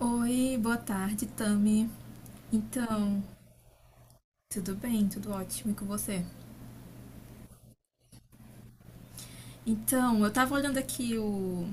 Oi, boa tarde, Tami. Então, tudo bem? Tudo ótimo e com você? Então, eu tava olhando aqui o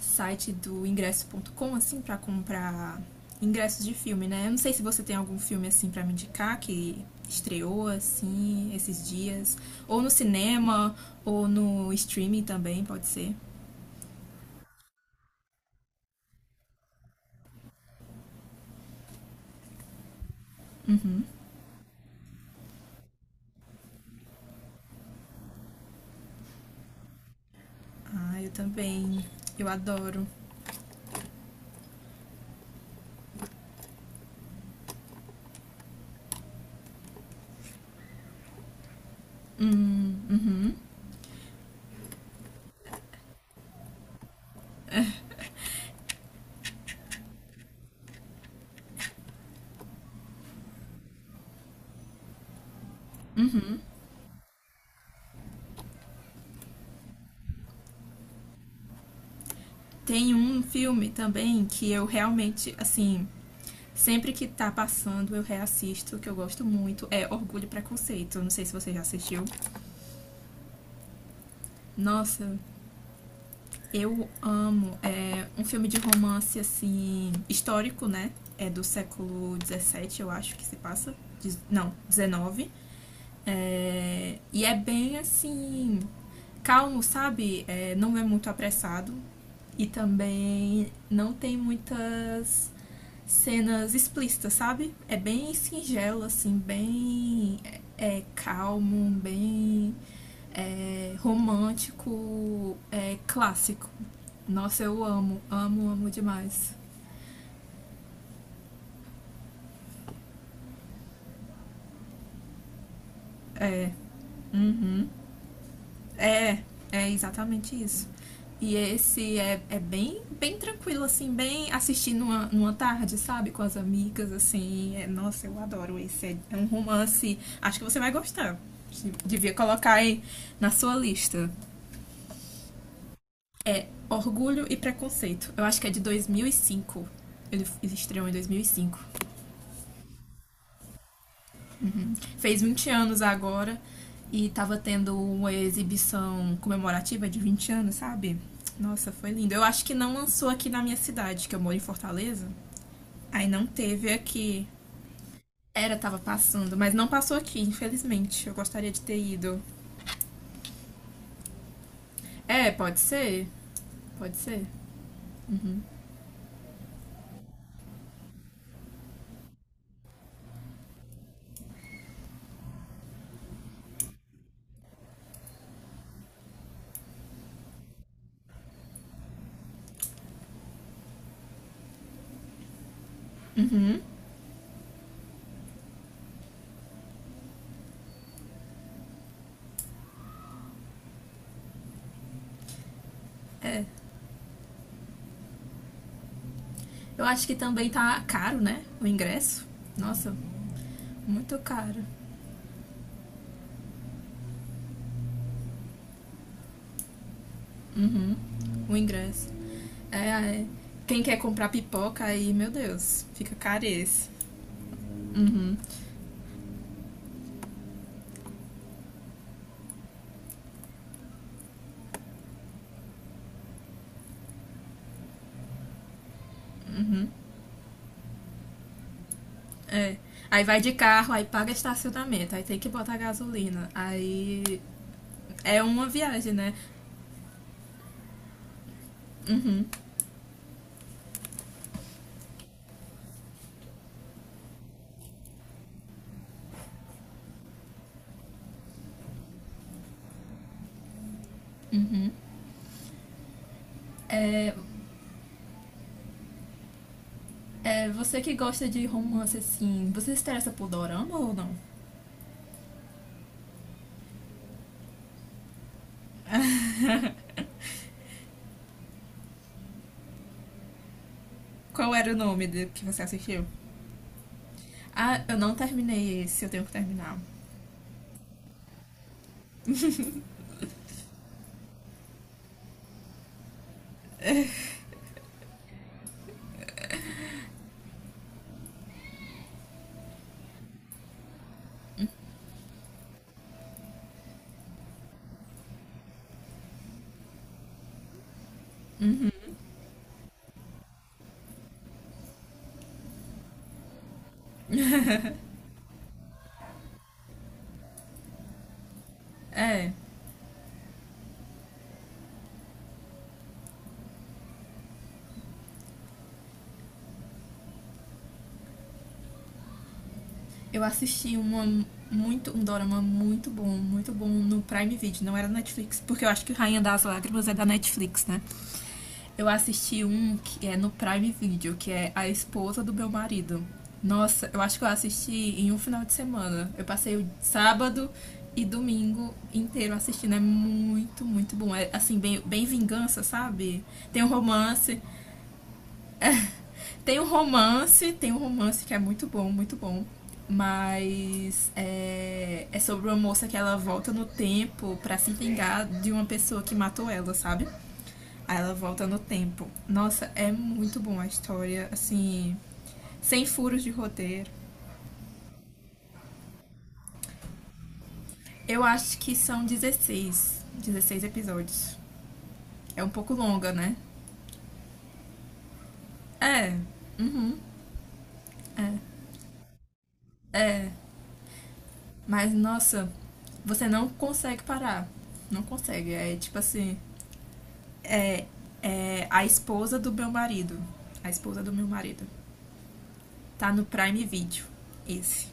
site do ingresso.com assim pra comprar ingressos de filme, né? Eu não sei se você tem algum filme assim pra me indicar que estreou assim esses dias, ou no cinema, ou no streaming também, pode ser. Ah, eu também. Eu adoro. Tem um filme também que eu realmente, assim, sempre que tá passando, eu reassisto, que eu gosto muito, é Orgulho e Preconceito. Não sei se você já assistiu. Nossa, eu amo. É um filme de romance, assim, histórico, né? É do século 17 eu acho que se passa. Não, XIX. E é bem, assim, calmo, sabe? É, não é muito apressado. E também não tem muitas cenas explícitas, sabe? É bem singelo, assim, bem é calmo, bem é, romântico, é, clássico. Nossa, eu amo, amo, amo demais. Uhum. É, é exatamente isso. E esse é, é bem, bem tranquilo, assim, bem assistir numa tarde, sabe? Com as amigas, assim. É, nossa, eu adoro esse. É, é um romance. Acho que você vai gostar. Devia colocar aí na sua lista. Orgulho e Preconceito. Eu acho que é de 2005. Ele estreou em 2005. Fez 20 anos agora e tava tendo uma exibição comemorativa de 20 anos, sabe? Nossa, foi lindo. Eu acho que não lançou aqui na minha cidade, que eu moro em Fortaleza. Aí não teve aqui. Era, tava passando, mas não passou aqui, infelizmente. Eu gostaria de ter ido. É, pode ser. Pode ser. Eu acho que também tá caro, né? O ingresso. Nossa, muito caro. Uhum. O ingresso. É, é. Quem quer comprar pipoca aí, meu Deus, fica caro esse. Uhum. É. Aí vai de carro, aí paga estacionamento, aí tem que botar gasolina. Aí é uma viagem, né? Hum, hum. É, é, você que gosta de romance assim, você se interessa por Dorama ou não? Qual era o nome de, que você assistiu? Ah, eu não terminei esse, eu tenho que terminar. É, eu assisti uma muito um dorama muito bom no Prime Video, não era Netflix, porque eu acho que Rainha das Lágrimas é da Netflix, né? Eu assisti um que é no Prime Video, que é A Esposa do Meu Marido. Nossa, eu acho que eu assisti em um final de semana. Eu passei o sábado e domingo inteiro assistindo. É muito, muito bom. É assim, bem, bem vingança, sabe? Tem um romance, tem um romance, tem um romance que é muito bom, muito bom. Mas é, é sobre uma moça que ela volta no tempo pra se vingar de uma pessoa que matou ela, sabe? Aí ela volta no tempo. Nossa, é muito bom a história, assim, sem furos de roteiro. Eu acho que são dezesseis episódios. É um pouco longa, né? É, mas nossa, você não consegue parar. Não consegue. É tipo assim, é a esposa do meu marido. A esposa do meu marido. Tá no Prime Video. Esse.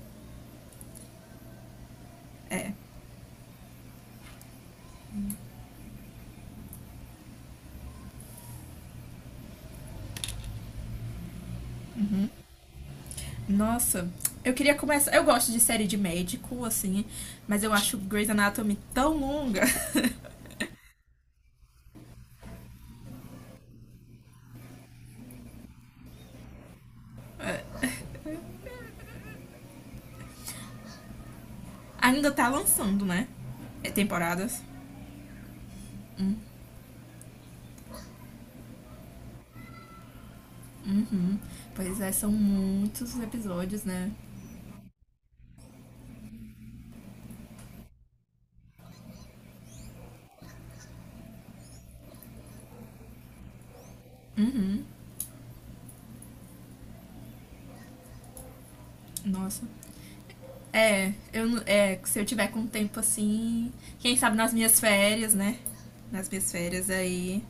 Nossa, eu queria começar. Eu gosto de série de médico, assim, mas eu acho Grey's Anatomy tão longa. Ainda tá lançando, né? É, Temporadas. Pois é, são muitos episódios, né? Nossa. É, eu é, se eu tiver com tempo assim, quem sabe nas minhas férias, né? Nas minhas férias aí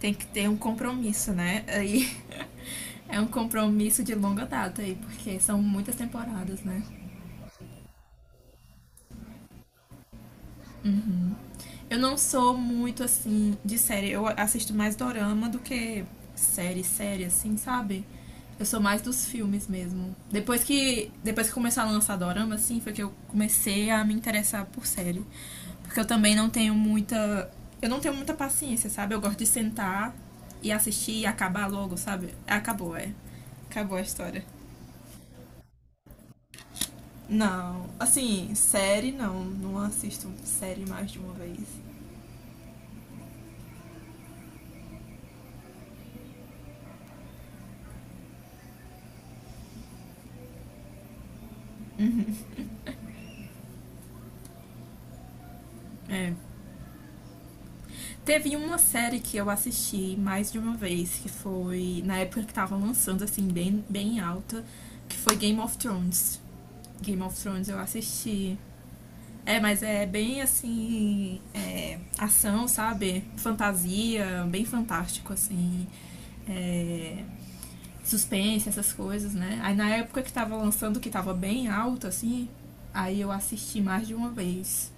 tem que ter um compromisso, né? Aí é um compromisso de longa data aí, porque são muitas temporadas, né? Eu não sou muito assim de série, eu assisto mais dorama do que série, série assim, sabe? Eu sou mais dos filmes mesmo. Depois que começou a lançar dorama assim, foi que eu comecei a me interessar por série. Porque eu não tenho muita paciência, sabe? Eu gosto de sentar e assistir e acabar logo, sabe? Acabou, é. Acabou a história. Não, assim, série não, não assisto série mais de uma vez. Teve uma série que eu assisti mais de uma vez, que foi na época que tava lançando, assim, bem, bem alta, que foi Game of Thrones. Game of Thrones eu assisti. É, mas é bem assim. É, ação, sabe? Fantasia, bem fantástico, assim. É, suspense, essas coisas, né? Aí na época que tava lançando, que tava bem alto, assim, aí eu assisti mais de uma vez.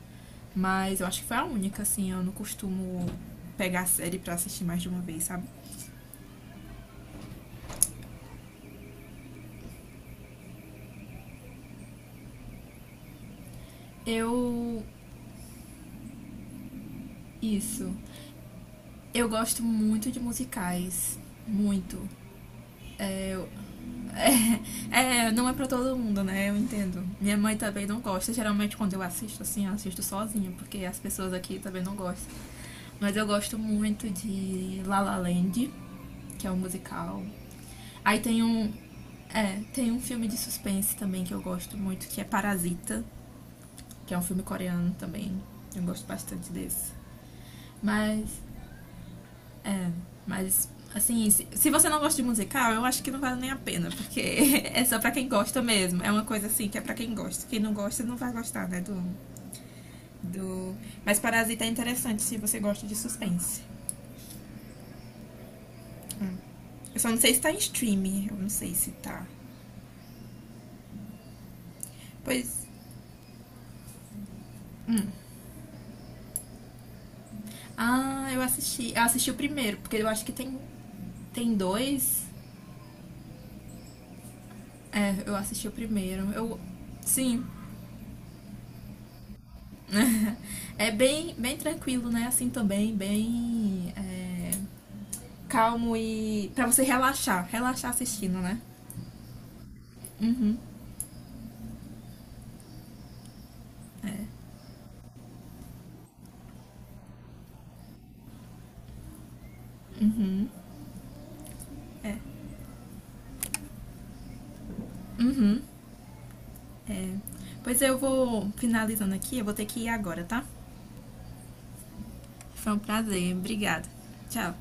Mas eu acho que foi a única, assim, eu não costumo pegar série pra assistir mais de uma vez, sabe? Eu. Isso. Eu gosto muito de musicais. Muito. É, é, não é pra todo mundo, né? Eu entendo. Minha mãe também não gosta. Geralmente quando eu assisto, assim, eu assisto sozinha, porque as pessoas aqui também não gostam. Mas eu gosto muito de La La Land, que é um musical. Aí tem um. É, tem um filme de suspense também que eu gosto muito, que é Parasita, que é um filme coreano também. Eu gosto bastante desse. Mas. Mas, assim, se você não gosta de musical, eu acho que não vale nem a pena, porque é só pra quem gosta mesmo. É uma coisa assim que é pra quem gosta. Quem não gosta não vai gostar, né? Do. Do... Mas Parasita é interessante se você gosta de suspense. Eu só não sei se tá em streaming. Eu não sei se tá. Pois. Ah, eu assisti. Eu assisti o primeiro, porque eu acho que tem dois. Eu assisti o primeiro. Eu, sim, é bem, bem tranquilo, né? Assim também, bem é, calmo e para você relaxar, relaxar assistindo, né? É. Pois eu vou finalizando aqui, eu vou ter que ir agora, tá? Foi um prazer, obrigada. Tchau.